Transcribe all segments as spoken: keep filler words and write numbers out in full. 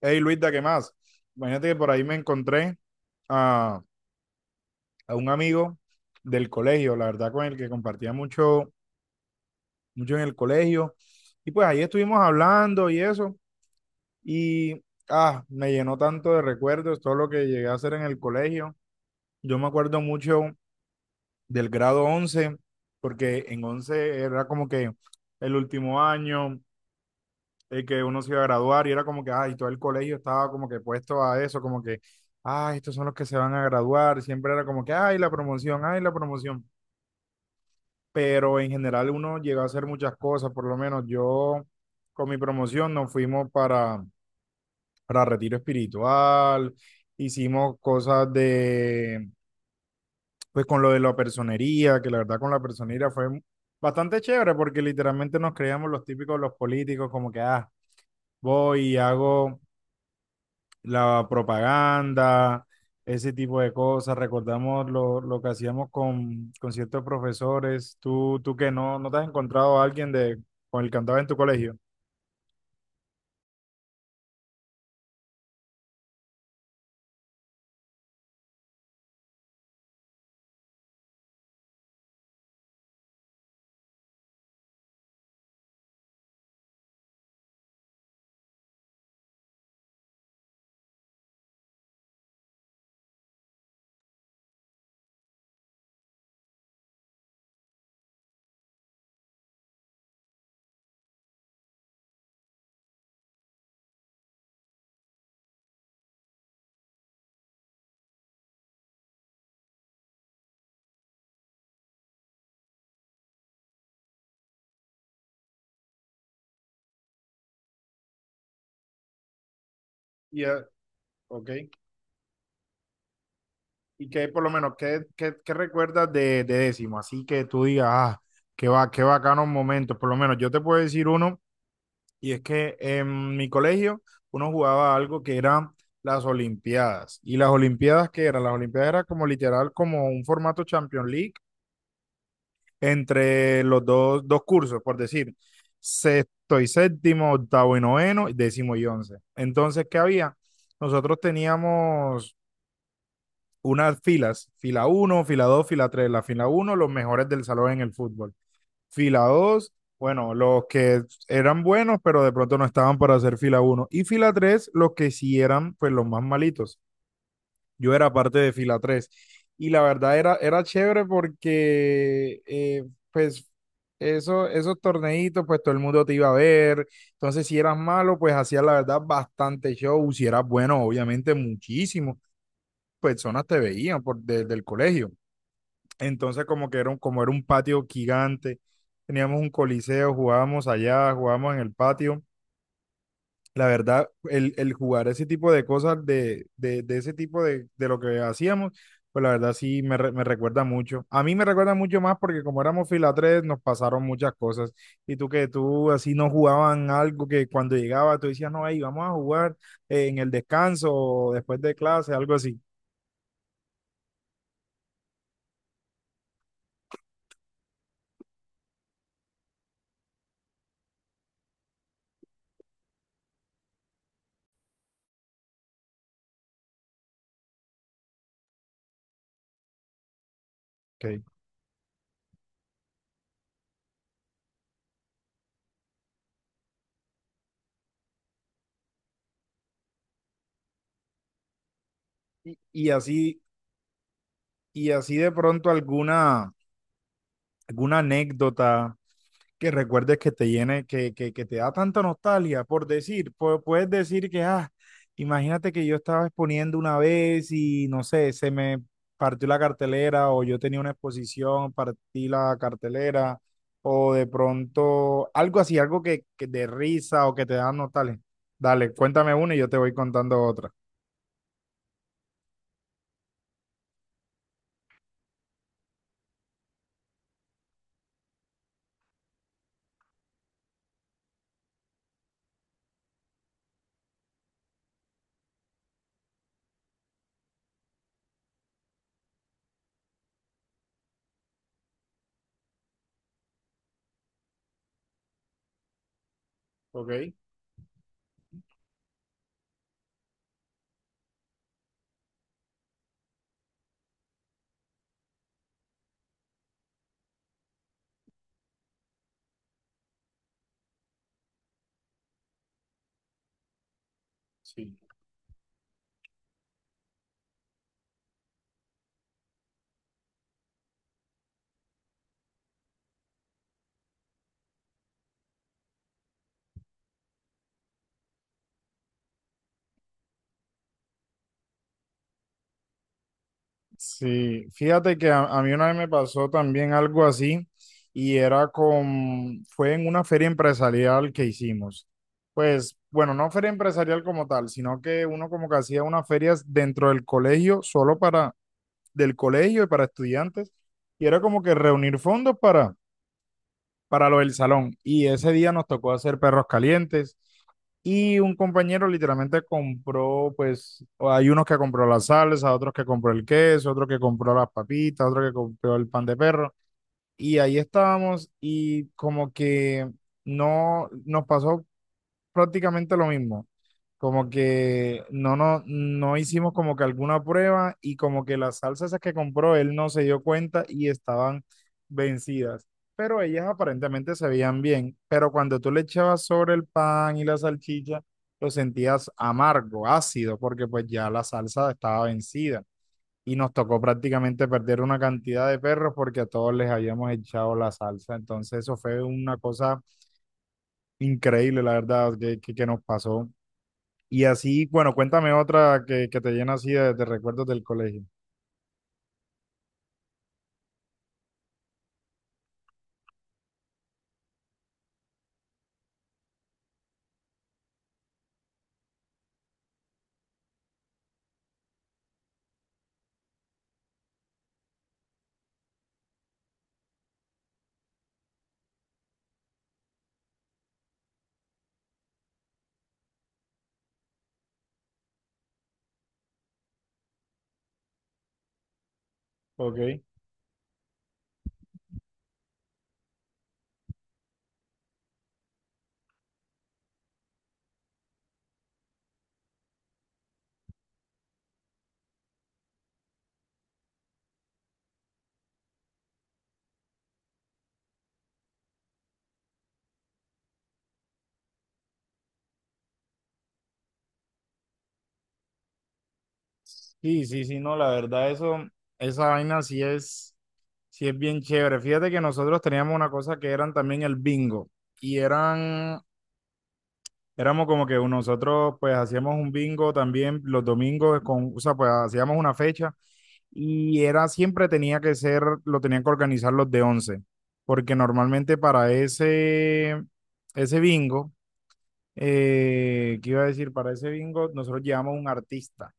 Hey Luisa, ¿qué más? Imagínate que por ahí me encontré a, a un amigo del colegio, la verdad, con el que compartía mucho, mucho en el colegio. Y pues ahí estuvimos hablando y eso. Y ah, me llenó tanto de recuerdos todo lo que llegué a hacer en el colegio. Yo me acuerdo mucho del grado once porque en once era como que el último año, eh, que uno se iba a graduar y era como que, ay, todo el colegio estaba como que puesto a eso, como que, ay, estos son los que se van a graduar, siempre era como que, ay, la promoción, ay, la promoción, pero en general uno llegó a hacer muchas cosas, por lo menos yo con mi promoción nos fuimos para, para retiro espiritual, hicimos cosas de, pues con lo de la personería, que la verdad con la personería fue... Bastante chévere porque literalmente nos creíamos los típicos los políticos como que, ah, voy y hago la propaganda, ese tipo de cosas. Recordamos lo, lo que hacíamos con, con ciertos profesores. Tú, tú que no, no te has encontrado a alguien de, con el que andabas en tu colegio. Ya, eh, ok. Y qué por lo menos, ¿qué, qué, qué recuerdas de, de décimo? Así que tú digas, ah, qué, va, qué bacanos momentos. Por lo menos yo te puedo decir uno, y es que en mi colegio uno jugaba algo que era las Olimpiadas. ¿Y las Olimpiadas qué eran? Las Olimpiadas era como literal, como un formato Champions League, entre los dos, dos cursos, por decir, sexto y séptimo, octavo y noveno, décimo y once. Entonces, ¿qué había? Nosotros teníamos unas filas, fila uno, fila dos, fila tres. La fila uno, los mejores del salón en el fútbol. Fila dos, bueno, los que eran buenos, pero de pronto no estaban para hacer fila uno. Y fila tres, los que sí eran pues los más malitos. Yo era parte de fila tres y la verdad era, era chévere porque eh, pues eso, esos torneitos pues todo el mundo te iba a ver, entonces si eras malo pues hacías la verdad bastante show, si eras bueno obviamente muchísimo, personas te veían por, desde el colegio, entonces como que era un, como era un patio gigante, teníamos un coliseo, jugábamos allá, jugábamos en el patio la verdad, el, el jugar ese tipo de cosas, de, de, de ese tipo de, de lo que hacíamos, pues la verdad sí me, re- me recuerda mucho. A mí me recuerda mucho más porque como éramos fila tres nos pasaron muchas cosas. Y tú que tú así no jugaban algo que cuando llegaba tú decías, no, ahí vamos a jugar eh, en el descanso o después de clase, algo así. Ok. Y, y así, y así de pronto alguna, alguna anécdota que recuerdes que te llene, que, que, que te da tanta nostalgia por decir, pu- puedes decir que, ah, imagínate que yo estaba exponiendo una vez y no sé, se me partió la cartelera o yo tenía una exposición, partí la cartelera o de pronto algo así, algo que, que de risa o que te da nostalgia. Dale, cuéntame una y yo te voy contando otra. Ok, sí. Sí, fíjate que a, a mí una vez me pasó también algo así y era con, fue en una feria empresarial que hicimos. Pues, bueno, no feria empresarial como tal, sino que uno como que hacía unas ferias dentro del colegio, solo para, del colegio y para estudiantes, y era como que reunir fondos para para lo del salón. Y ese día nos tocó hacer perros calientes. Y un compañero literalmente compró, pues, hay unos que compró la salsa, otros que compró el queso, otro que compró las papitas, otro que compró el pan de perro. Y ahí estábamos y como que no nos pasó prácticamente lo mismo. Como que no, no, no hicimos como que alguna prueba y como que las salsas esas que compró él no se dio cuenta y estaban vencidas. Pero ellas aparentemente se veían bien. Pero cuando tú le echabas sobre el pan y la salchicha, lo sentías amargo, ácido, porque pues ya la salsa estaba vencida. Y nos tocó prácticamente perder una cantidad de perros porque a todos les habíamos echado la salsa. Entonces eso fue una cosa increíble, la verdad, que, que que nos pasó. Y así, bueno, cuéntame otra que, que te llena así de, de recuerdos del colegio. Ok. Sí, sí, sí, no, la verdad, eso, esa vaina sí es, sí es bien chévere. Fíjate que nosotros teníamos una cosa que eran también el bingo. Y eran, éramos como que nosotros pues hacíamos un bingo también los domingos con, o sea, pues hacíamos una fecha. Y era siempre tenía que ser, lo tenían que organizar los de once porque normalmente para ese, ese bingo. Eh, ¿qué iba a decir? Para ese bingo, nosotros llevamos un artista.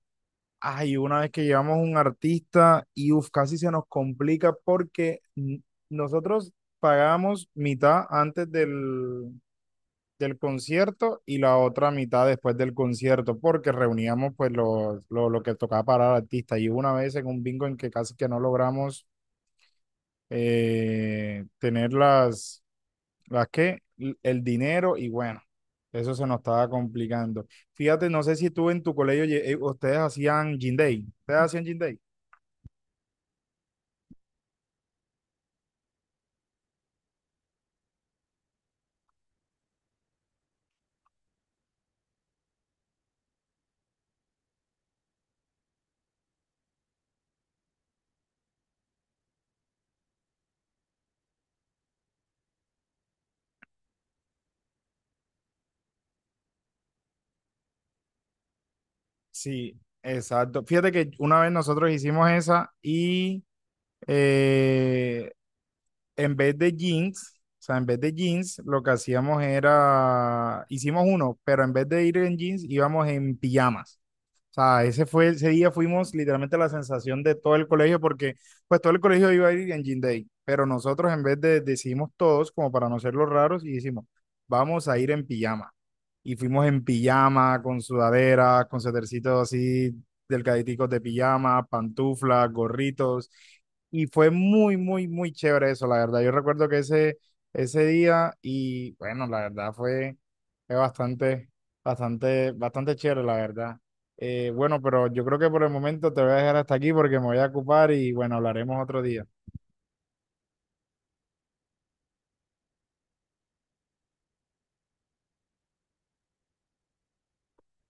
Ay, una vez que llevamos un artista, y uf, casi se nos complica porque n- nosotros pagamos mitad antes del, del concierto y la otra mitad después del concierto, porque reuníamos pues lo, lo, lo que tocaba para el artista. Y hubo una vez en un bingo en que casi que no logramos eh, tener las las que l- el dinero y bueno, eso se nos estaba complicando. Fíjate, no sé si tú en tu colegio lle- eh, ustedes hacían gym day. ¿Ustedes hacían gym day? Sí, exacto. Fíjate que una vez nosotros hicimos esa y eh, en vez de jeans, o sea, en vez de jeans, lo que hacíamos era, hicimos uno, pero en vez de ir en jeans, íbamos en pijamas. Sea, ese fue, ese día fuimos literalmente la sensación de todo el colegio, porque pues todo el colegio iba a ir en Jean Day, pero nosotros en vez de decidimos todos, como para no ser los raros, y dijimos, vamos a ir en pijama. Y fuimos en pijama, con sudaderas, con setercitos así, delgaditicos de pijama, pantuflas, gorritos. Y fue muy, muy, muy chévere eso, la verdad. Yo recuerdo que ese, ese día, y bueno, la verdad fue, fue bastante, bastante, bastante chévere, la verdad. Eh, bueno, pero yo creo que por el momento te voy a dejar hasta aquí porque me voy a ocupar y bueno, hablaremos otro día.